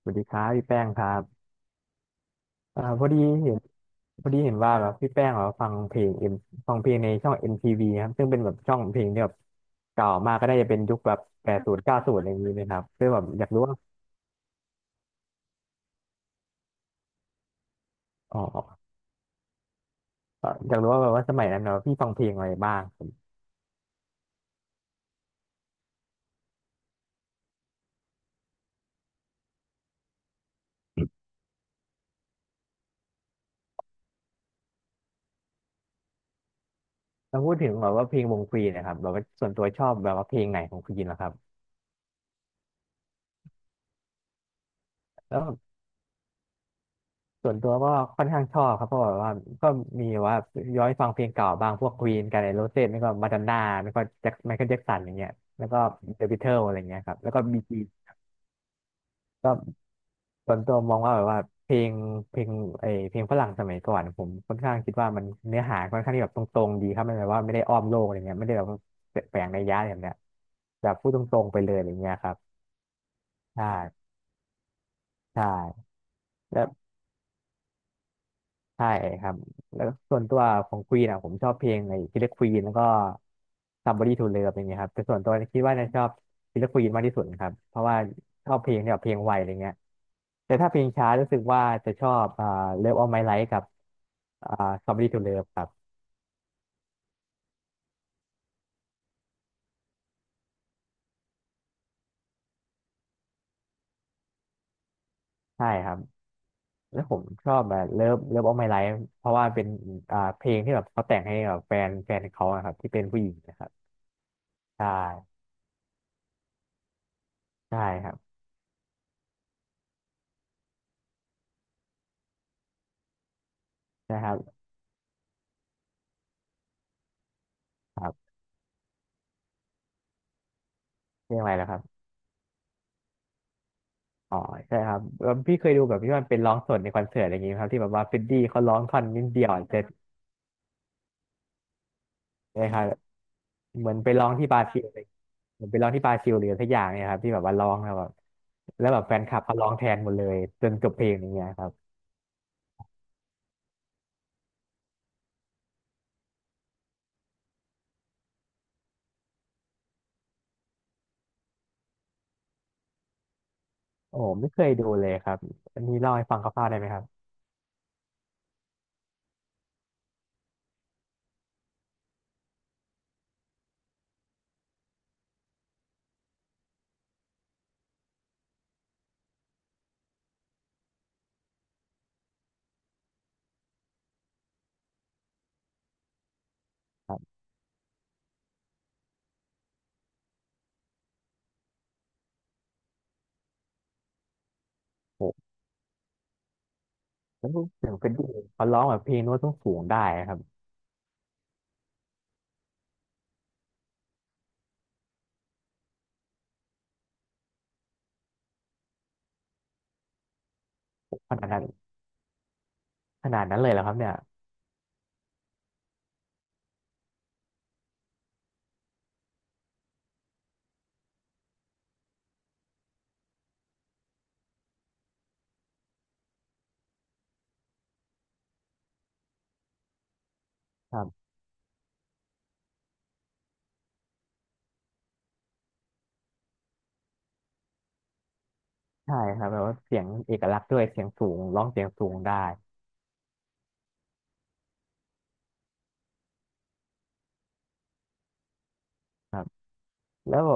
สวัสดีครับพี่แป้งครับอ่าพอดีเห็นพอดีเห็นว่าแบบพี่แป้งแบบฟังเพลงในช่อง MTV ครับซึ่งเป็นแบบช่องเพลงที่แบบเก่ามากก็ได้จะเป็นยุคแบบแปดศูนย์เก้าศูนย์อะไรอย่างนี้นะครับซึ่งแบบอยากรู้ว่าอ๋ออยากรู้ว่าแบบว่าสมัยนั้นแบบว่าพี่ฟังเพลงอะไรบ้างครับแล้วพูดถึงแบบว่าเพลงวงควีนนะครับแบบว่าส่วนตัวชอบแบบว่าเพลงไหนของควีนนะครับแล้ว ส่วนตัวก็ค่อนข้างชอบครับเพราะแบบว่าก็มีว่าย้อนฟังเพลงเก่าบ้างพวกควีนกันไอโรเซ่ไม่ก็มาดอนน่าไม่ก็แจ็คไมเคิลแจ็คสันอย่างเงี้ยแล้วก็เดอะบิทเทิลอะไรเงี้ยครับแล้วก็บีจีก็ส่วนตัวมองว่าแบบว่าเพลงเพลงเพลงฝรั่งสมัยก่อนผมค่อนข้างคิดว่ามันเนื้อหาค่อนข้างที่แบบตรงๆดีครับไม่แบบว่าไม่ได้อ้อมโลกอะไรเงี้ยไม่ได้แบบว่าแฝงในยยะอะไรแบบเนี้ยแบบพูดตรงๆไปเลยอย่างเงี้ยครับใช่ใช่แล้ว ใช่ครับแล้วส่วนตัวของควีนอ่ะผมชอบเพลงไอ้คิลเลอร์ควีนแล้วก็ Somebody to Love อย่างเงี้ยครับแต่ส่วนตัวคิดว่าน่าจะชอบคิลเลอร์ควีนมากที่สุดครับเพราะว่าชอบเพลงที่แบบเพลงไวอะไรเงี้ยแต่ถ้าเพลงช้ารู้สึกว่าจะชอบอ่า Love All My Life กับอ่า Somebody to Love ครับใช่ครับแล้วผมชอบแบบเลิฟเลิฟออฟไมไลฟ์เพราะว่าเป็นอ่าเพลงที่แบบเขาแต่งให้แบบแฟนเขาอะครับที่เป็นผู้หญิงนะครับใช่ใช่ครับใช่ครับครับเรื่องอะไรแล้วครับ อ๋อใช่ครับแล้วพี่เคยดูแบบที่มันเป็นร้องสดในคอนเสิร์ตอะไรอย่างงี้ไหมครับที่แบบว่าเฟดดี้เขาร้องท่อนนิดเดียวเสร็จนะครับเหมือนไปร้องที่บราซิลเลยเหมือนไปร้องที่บราซิลหรือสักอย่างเนี่ยครับที่แบบว่าร้องแล้วแบบแฟนคลับเขาร้องแทนหมดเลยจนจบเพลงอย่างเงี้ยครับโอ้ไม่เคยดูเลยครับอันนี้เล่าให้ฟังคร่าวๆได้ไหมครับโอ้แล้วถึงเฟดดี้เขาร้องแบบเพลงโน้ตต้องสูงๆได้ครับขนาดนั้นเลยเหรอครับเนี่ยครับใช่ครับแบบว่าเสียงเอกลักษณ์ด้วยเสียงสูงร้องเสียงสูงได้ครับแล้ว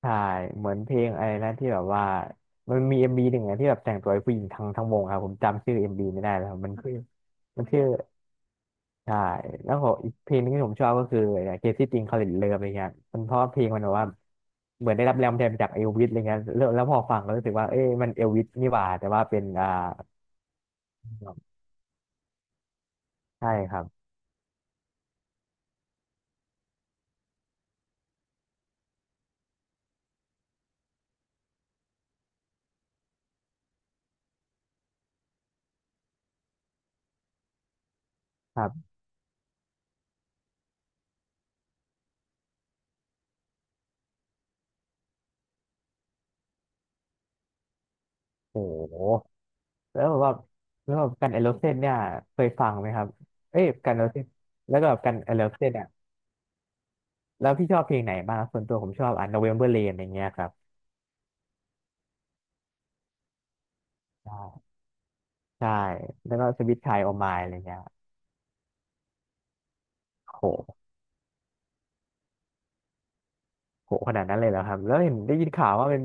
ใช่เหมือนเพลงอะไรนะที่แบบว่ามันมีเอ็มบีหนึ่งอะที่แบบแต่งตัวให้ผู้หญิงทั้งวงครับผมจำชื่อเอ็มบีไม่ได้แล้วครับมันชื่อใช่แล้วก็อีกเพลงหนึงที่ผมชอบก็คือเคซี่ติงคอลินเลิฟอะไรเงี้ยมันเพราะเพลงมันแบบว่าเหมือนได้รับแรงบันดาลใจมาจากเอลวิสอะไรเงี้ยแล้วพอฟังก็รู้สึกว่าเอ้ยมันเอลวิสนี่หว่าแต่ว่าเป็นอ่าใช่ครับครับโอ้โหแล้วแบบว่าแล้วแบบกันเอโรเซนเนี่ยเคยฟังไหมครับเอ้ยกันเอโรเซนแล้วก็แบบกันเอโรเซนอ่ะ แล้วพี่ชอบเพลงไหนบ้างครับส่วนตัวผมชอบอ่ะ November Rain อะไรเงี้ยครับใช่ใช่แล้วก็สวิตชายโอมายอะไรเงี้ยโหโหขนาดนั้นเลยเหรอครับแล้วเห็นได้ยินข่าวว่าเป็น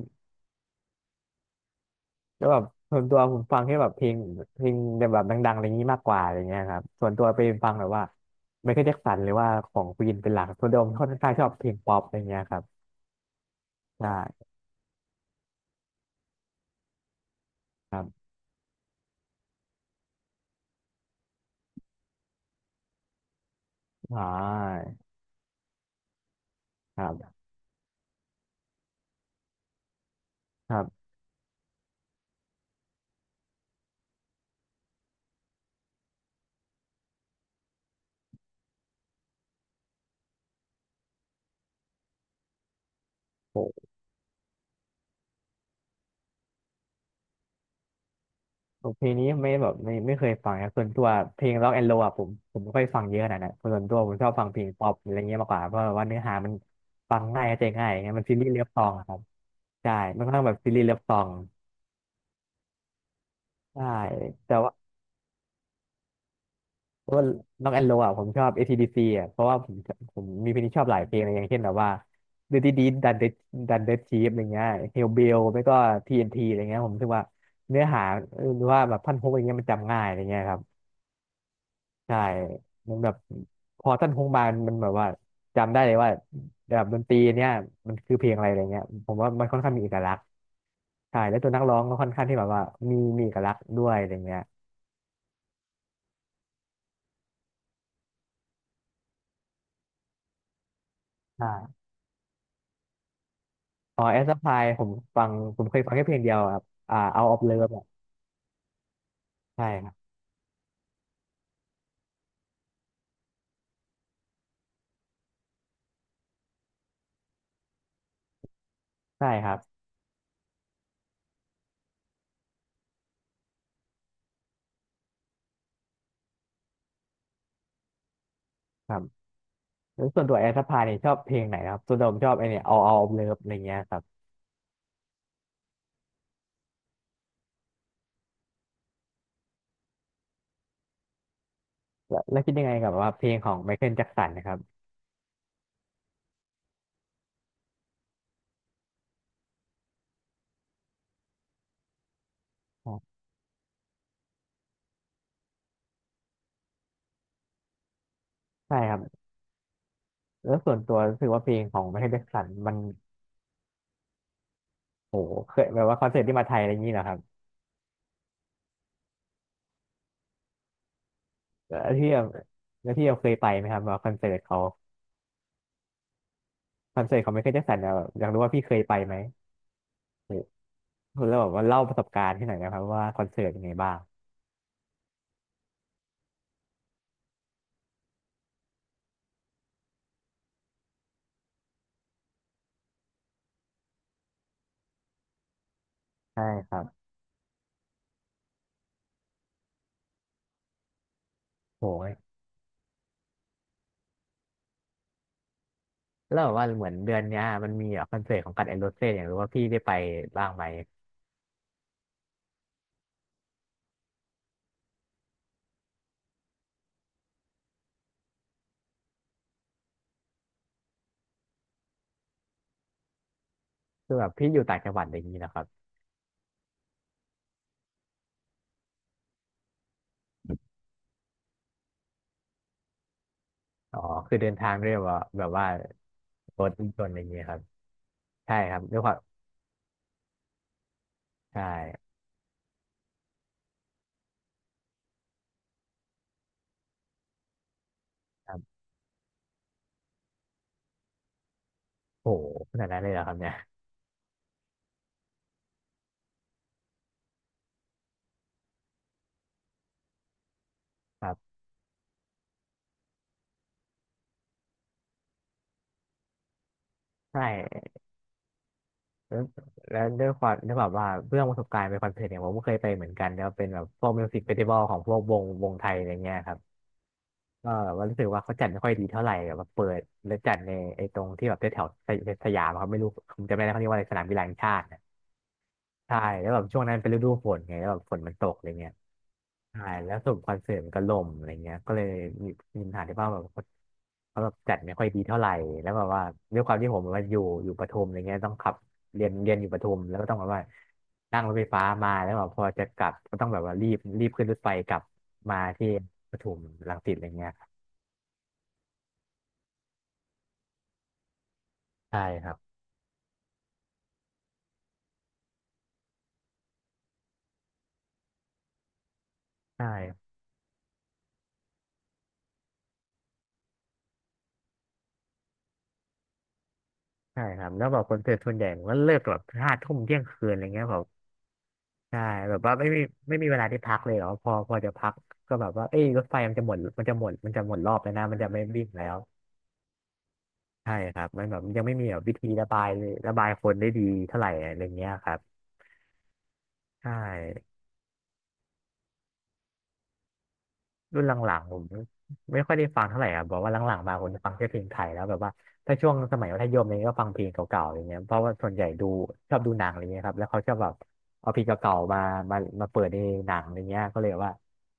แล้วแบบส่วนตัวผมฟังแค่แบบเพลงแบบดังๆอะไรงี้มากกว่าอะไรเงี้ยครับส่วนตัวไปฟังแบบว่าไมเคิลแจ็คสันหรือว่าของควีนเป็นหลักส่วนตัวผมค่อนข้างชอบเพลงป๊อปอะไรเงี้ยครับใช่ครับอ่าครับครับครับโห เพลงนี้ไม่แบบไม่ไม่เคยฟังนะส่วนตัวเพลงร็อกแอนด์โรอะผมไม่ค่อยฟังเยอะขนาดนั้นส่วนตัวผมชอบฟังเพลงป๊อปอะไรเงี้ยมากกว่าเพราะว่าเนื้อหามันฟังง่ายเข้าใจง่ายอย่างเงี้ยมันซีรีส์เลิฟซองอะครับใช่มันค่อนข้างแบบซีรีส์เลิฟซองใช่แต่ว่าแต่ว่าร็อกแอนด์โรอะผมชอบ a ี d c อ่ะเพราะว่าผมมีเพลงที่ชอบหลายเพลงเลยอย่างเช่นแบบว่าดูดีดีดันเดดันเดชีฟอะไรเงี้ยเฮลเบลไม่ก็ TNT อนทีอะไรเงี้ยผมรู้สึกว่าเนื้อหาหรือว่าแบบท่อนฮุกอะไรเงี้ยมันจำง่ายอะไรเงี้ยครับ ใช่มันแบบพอท่านฮงบานมันแบบว่าจำได้เลยว่าแบบดนตรีเนี่ยมันคือเพลงอะไรอะไรเงี้ยผมว่ามันค่อนข้างมีเอกลักษณ์ใช่แล้วตัวนักร้องก็ค่อนข้างที่แบบว่ามีเอกลักษณ์ด้วยอะไรเงี้ยอ่าอ๋อแอสพายผมฟังผมเคยฟังแค่เพลงเดียวครับเอาออฟเลิฟอ่ะใช่ครับใช่ครับครับแล้วส่วนตัวแอสพายเนี่ยชอบเพลงไหนครับส่วนตัวผมชอบไอเนี่ยเอาออฟเลิฟอะไรเงี้ยครับแล้วคิดยังไงกับว่าเพลงของไมเคิลแจ็คสันนะครับใช่ครับแล้วส่วนตัวรู้สึกว่าเพลงของไมเคิลแจ็คสันมัน โอ้โหเคยแบบว่าคอนเสิร์ตที่มาไทยอะไรอย่างนี้เหรอครับแล้วพี่แบบแล้วพี่แบบเคยไปไหมครับว่าคอนเสิร์ตเขาคอนเสิร์ตของไมเคิลแจ็คสันเนี่ยแบบอยากรู้ว่าพี่เคยไปไหมโอ้โหแล้วแบบว่าเล่าประสบการณ์ที่ไหนอยนะครับว่าคอนเสิร์ตเป็นไงบ้างใช่ครับโอ้ยแล้วแบบว่าเหมือนเดือนเนี้ยมันมีแบบคอนเสิร์ตของกันแอนโรเซ่อยากรู้ว่าพี่ได้ไปบ้างไหมคือแบบพี่อยู่ต่างจังหวัดอะไรอย่างนี้นะครับอ๋อคือเดินทางด้วยแบบว่ารถยนต์อะไรอย่างนี้ครับใช่ครับด้วยความใช่ครับโอ้โหขนาดนั้นเลยเหรอครับเนี่ยครับใช่ แล้วแล้วด้วยแบบว่าเรื่องประสบการณ์ไปคอนเสิร์ตเนี่ยผมก็เคยไปเหมือนกันแล้วเป็นแบบพวกมิวสิกเฟสติวัลของพวกวงไทยอะไรเงี้ยครับก็แบบว่ารู้สึกว่าเขาจัดไม่ค่อยดีเท่าไหร่แบบเปิดแล้วจัดในไอ้ตรงที่แบบแถวๆสยามอะครับไม่รู้ผมจำไม่ได้เขาเรียกว่าอะไรสนามกีฬาแห่งชาตินะใช่แล้วแบบช่วงนั้นเป็นฤดูฝนไงแล้วแบบฝนมันตกอะไรเงี้ย ใช่แล้วสรุปคอนเสิร์ตมันก็ล่มอะไรเงี้ยก็เลยมีมีปัญหาที่ว่าแบบเขาแบบจัดไม่ค่อยดีเท่าไหร่แล้วแบบว่าด้วยความที่ผมแบบว่าอยู่ประทุมอะไรเงี้ยต้องขับเรียนอยู่ประทุมแล้วก็ต้องแบบว่านั่งรถไฟฟ้ามาแล้วแบบพอจะกลับก็ต้องแบบว่ารีบขึ้นรถไฟกลับมาที่ปทุมรังสิตอะไรเงี้ยใช่ครับใช่ใช่ครับแล้วแบบคอนเสิร์ตส่วนใหญ่มันก็เลิกแบบห้าทุ่มเที่ยงคืนอะไรเงี้ยแบบ ใช่แบบว่าไม่มีเวลาที่พักเลยเหรอพอจะพักก็แบบว่าเอ้ยรถไฟมันจะหมดมันจะหมดมันจะหมดรอบแล้วนะมันจะไม่วิ่งแล้วใช่ครับมันแบบยังไม่มีแบบวิธีระบายคนได้ดีเท่าไหร่อะไรเงี้ยครับใช่รุ่นหลังๆผมไม่ค่อยได้ฟังเท่าไหร่ครับบอกว่าหลังๆมาผมจะฟังแค่เพลงไทยแล้วแบบว่าถ้าช่วงสมัยมัธยมเนี่ยก็ฟังเพลงเก่าๆอย่างเงี้ยเพราะว่าส่วนใหญ่ดูชอบดูหนังอะไรเงี้ยครับแล้วเขาชอบแบบเอาเพลงเก่าๆมาเปิดในหนังอะไรเงี้ยก็เลยว่า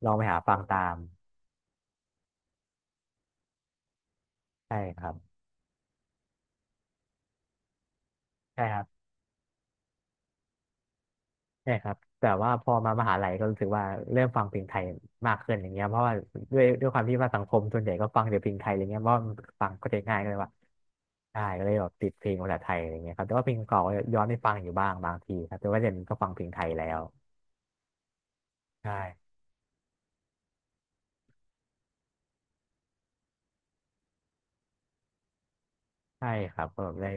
ลองไปหาฟังตามใช่ครับใช่ครับ ใช่ครับแต่ว่าพอมามหาลัยก็รู้สึกว่าเริ่มฟังเพลงไทยมากขึ้นอย่างเงี้ยเพราะว่าด้วยความที่ว่าสังคมส่วนใหญ่ก็ฟังแต่เพลงไทยอะไรเงี้ยเพราะว่ามันฟังก็จะง่ายก็เลยว่าได้ก็เลยแบบติดเพลงภาษาไทยอะไรเงี้ยครับแต่ว่าเพลงเก่าก็ย้อนไปฟังอยู่บ้างบางทีครับแต่ว่าเดี๋ยวนี้ก็ฟังเพลงไทยแล้วใช่ใช่ครับก็แบบได้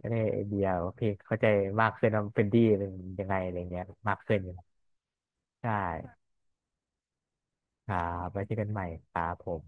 ได้ไอเดียว่าเพลงเข้าใจมากขึ้นว่าเป็นดีเป็นยังไงอะไรเงี้ยมากขึ้นอยู่ครับใช่ครับไว้เจอกันใหม่ครับผม